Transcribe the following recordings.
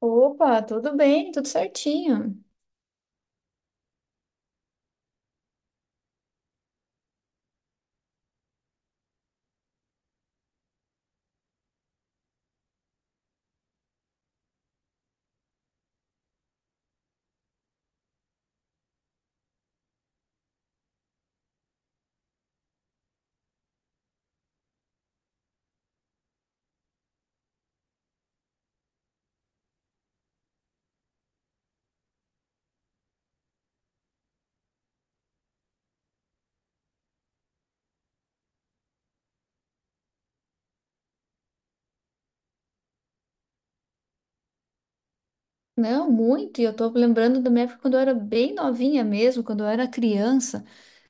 Opa, tudo bem, tudo certinho. Não, muito. E eu tô lembrando da minha época quando eu era bem novinha mesmo, quando eu era criança.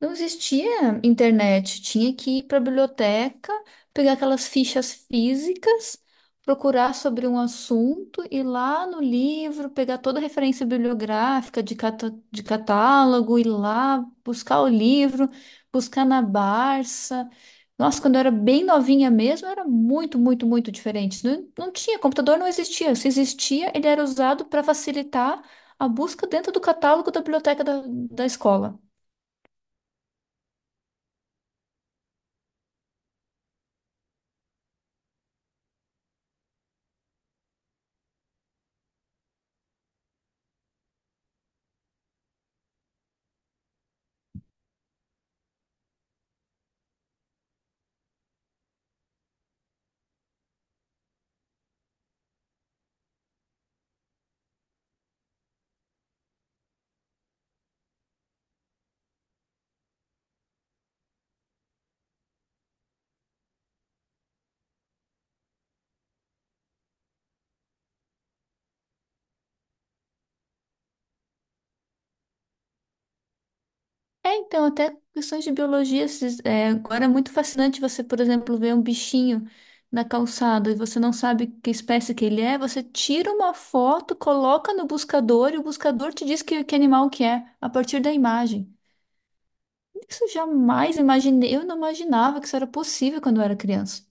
Não existia internet, tinha que ir para a biblioteca, pegar aquelas fichas físicas, procurar sobre um assunto, ir lá no livro, pegar toda a referência bibliográfica de, de catálogo, ir lá buscar o livro, buscar na Barça. Nossa, quando eu era bem novinha mesmo, era muito, muito, muito diferente. Não, não tinha, computador não existia. Se existia, ele era usado para facilitar a busca dentro do catálogo da biblioteca da escola. É, então, até questões de biologia, agora é muito fascinante você, por exemplo, ver um bichinho na calçada e você não sabe que espécie que ele é, você tira uma foto, coloca no buscador e o buscador te diz que animal que é, a partir da imagem. Isso eu jamais imaginei, eu não imaginava que isso era possível quando eu era criança.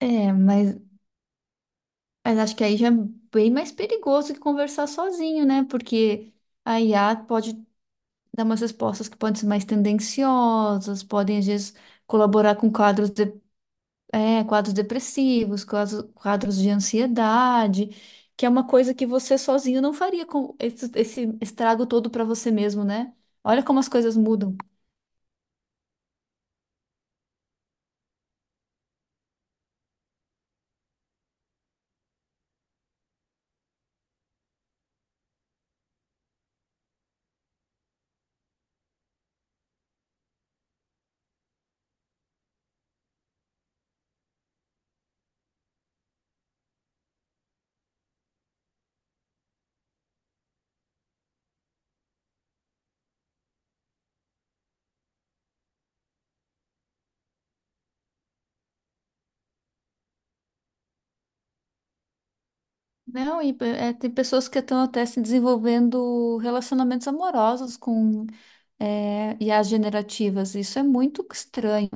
É, mas acho que aí já é bem mais perigoso que conversar sozinho, né? Porque a IA pode dar umas respostas que podem ser mais tendenciosas, podem, às vezes, colaborar com quadros, é, quadros depressivos, quadros de ansiedade, que é uma coisa que você sozinho não faria com esse estrago todo para você mesmo, né? Olha como as coisas mudam. Não, e é, tem pessoas que estão até se desenvolvendo relacionamentos amorosos com I as generativas. Isso é muito estranho.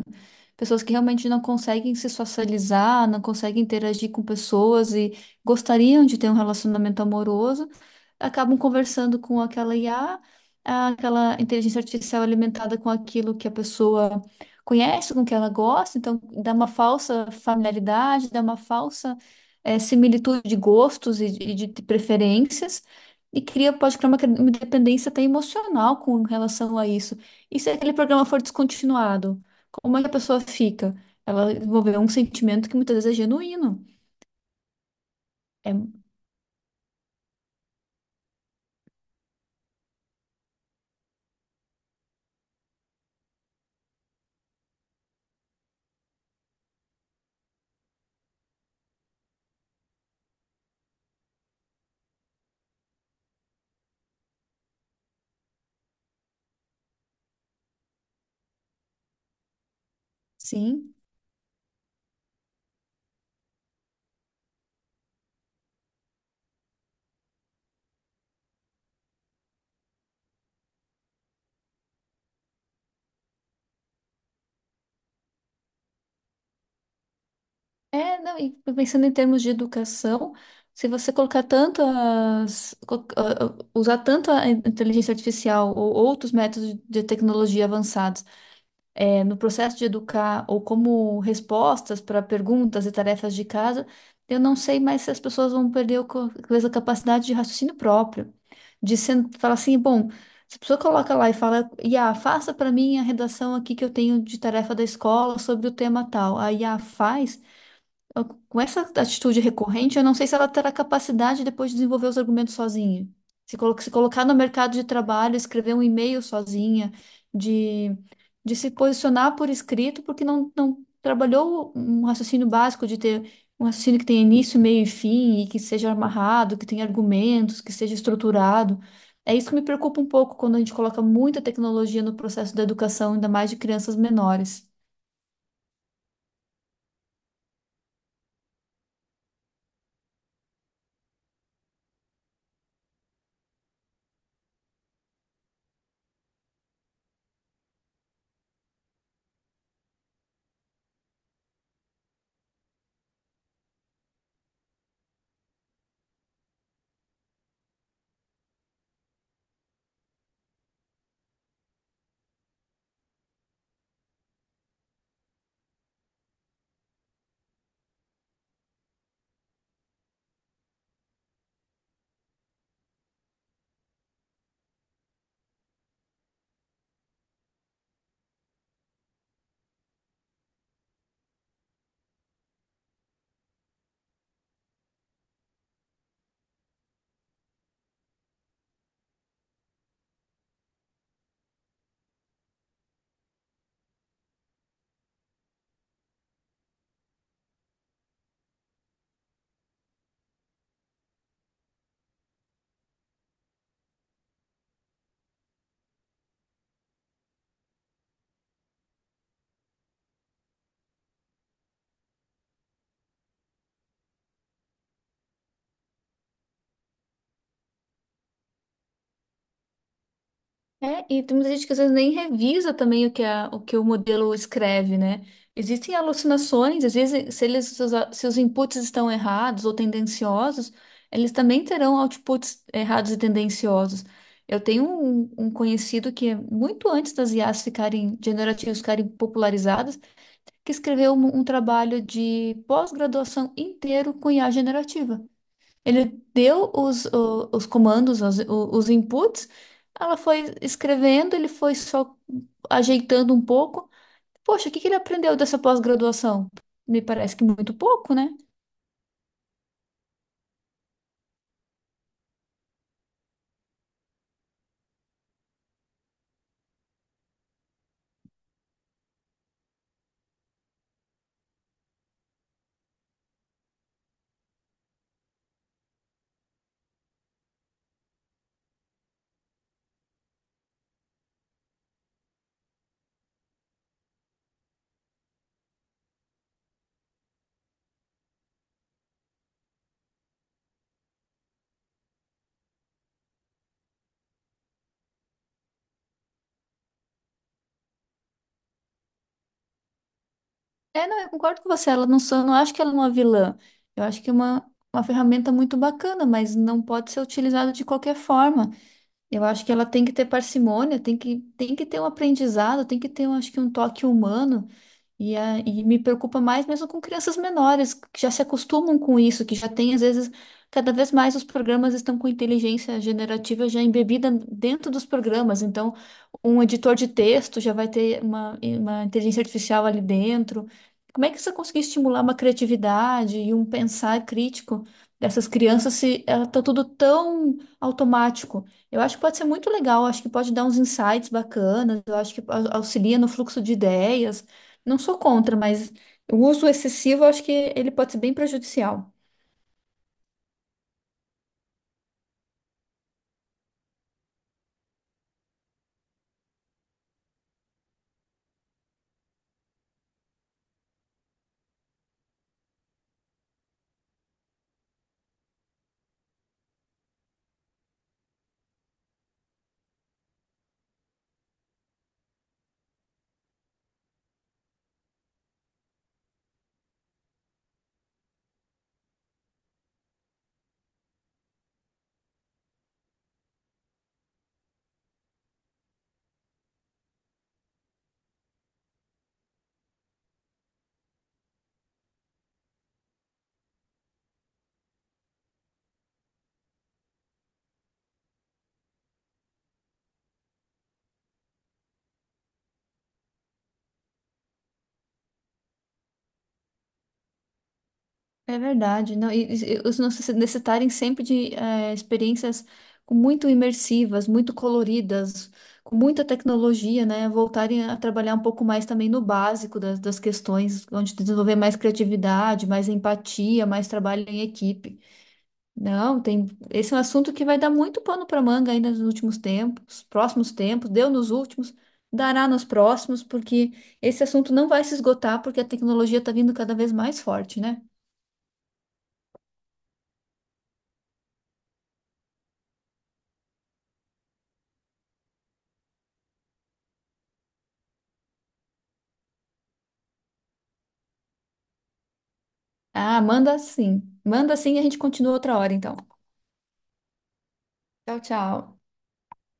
Pessoas que realmente não conseguem se socializar, não conseguem interagir com pessoas e gostariam de ter um relacionamento amoroso, acabam conversando com aquela IA, ah, aquela inteligência artificial alimentada com aquilo que a pessoa conhece, com o que ela gosta, então dá uma falsa familiaridade, dá uma falsa similitude de gostos e de preferências e cria, pode criar uma, uma dependência até emocional com relação a isso. E se aquele programa for descontinuado? Como é que a pessoa fica? Ela desenvolveu um sentimento que muitas vezes é genuíno. É, sim. É, não, e pensando em termos de educação, se você colocar tanto as, usar tanto a inteligência artificial ou outros métodos de tecnologia avançados no processo de educar ou como respostas para perguntas e tarefas de casa, eu não sei mais se as pessoas vão perder o talvez a capacidade de raciocínio próprio, de falar assim, bom, se a pessoa coloca lá e fala, Iá, faça para mim a redação aqui que eu tenho de tarefa da escola sobre o tema tal. A Iá faz, Com essa atitude recorrente, eu não sei se ela terá capacidade depois de desenvolver os argumentos sozinha. Se colocar no mercado de trabalho, escrever um e-mail sozinha, de, de se posicionar por escrito, porque não, não trabalhou um raciocínio básico de ter um raciocínio que tenha início, meio e fim, e que seja amarrado, que tenha argumentos, que seja estruturado. É isso que me preocupa um pouco quando a gente coloca muita tecnologia no processo da educação, ainda mais de crianças menores. É, e tem muita gente que às vezes nem revisa também o que, o que o modelo escreve, né? Existem alucinações, às vezes, se eles, se os inputs estão errados ou tendenciosos, eles também terão outputs errados e tendenciosos. Eu tenho um, um conhecido que, é muito antes das IAs ficarem generativas, ficarem popularizadas, que escreveu um, um trabalho de pós-graduação inteiro com IA generativa. Ele deu os comandos, os inputs, ela foi escrevendo, ele foi só ajeitando um pouco. Poxa, o que que ele aprendeu dessa pós-graduação? Me parece que muito pouco, né? É, não, eu concordo com você, ela não, só, não acho que ela é uma vilã. Eu acho que é uma ferramenta muito bacana, mas não pode ser utilizada de qualquer forma. Eu acho que ela tem que ter parcimônia, tem que ter um aprendizado, tem que ter, eu acho que, um toque humano. E, e me preocupa mais mesmo com crianças menores, que já se acostumam com isso, que já tem, às vezes, cada vez mais os programas estão com inteligência generativa já embebida dentro dos programas. Então, um editor de texto já vai ter uma inteligência artificial ali dentro. Como é que você conseguir estimular uma criatividade e um pensar crítico dessas crianças se está tudo tão automático? Eu acho que pode ser muito legal, acho que pode dar uns insights bacanas, eu acho que auxilia no fluxo de ideias. Não sou contra, mas o uso excessivo, eu acho que ele pode ser bem prejudicial. É verdade, não, e os nossos necessitarem sempre de experiências com muito imersivas, muito coloridas, com muita tecnologia, né? Voltarem a trabalhar um pouco mais também no básico das, das questões, onde desenvolver mais criatividade, mais empatia, mais trabalho em equipe. Não, tem. Esse é um assunto que vai dar muito pano para manga ainda nos últimos tempos, próximos tempos, deu nos últimos, dará nos próximos, porque esse assunto não vai se esgotar, porque a tecnologia está vindo cada vez mais forte, né? Ah, manda sim. Manda sim e a gente continua outra hora, então. Tchau, tchau.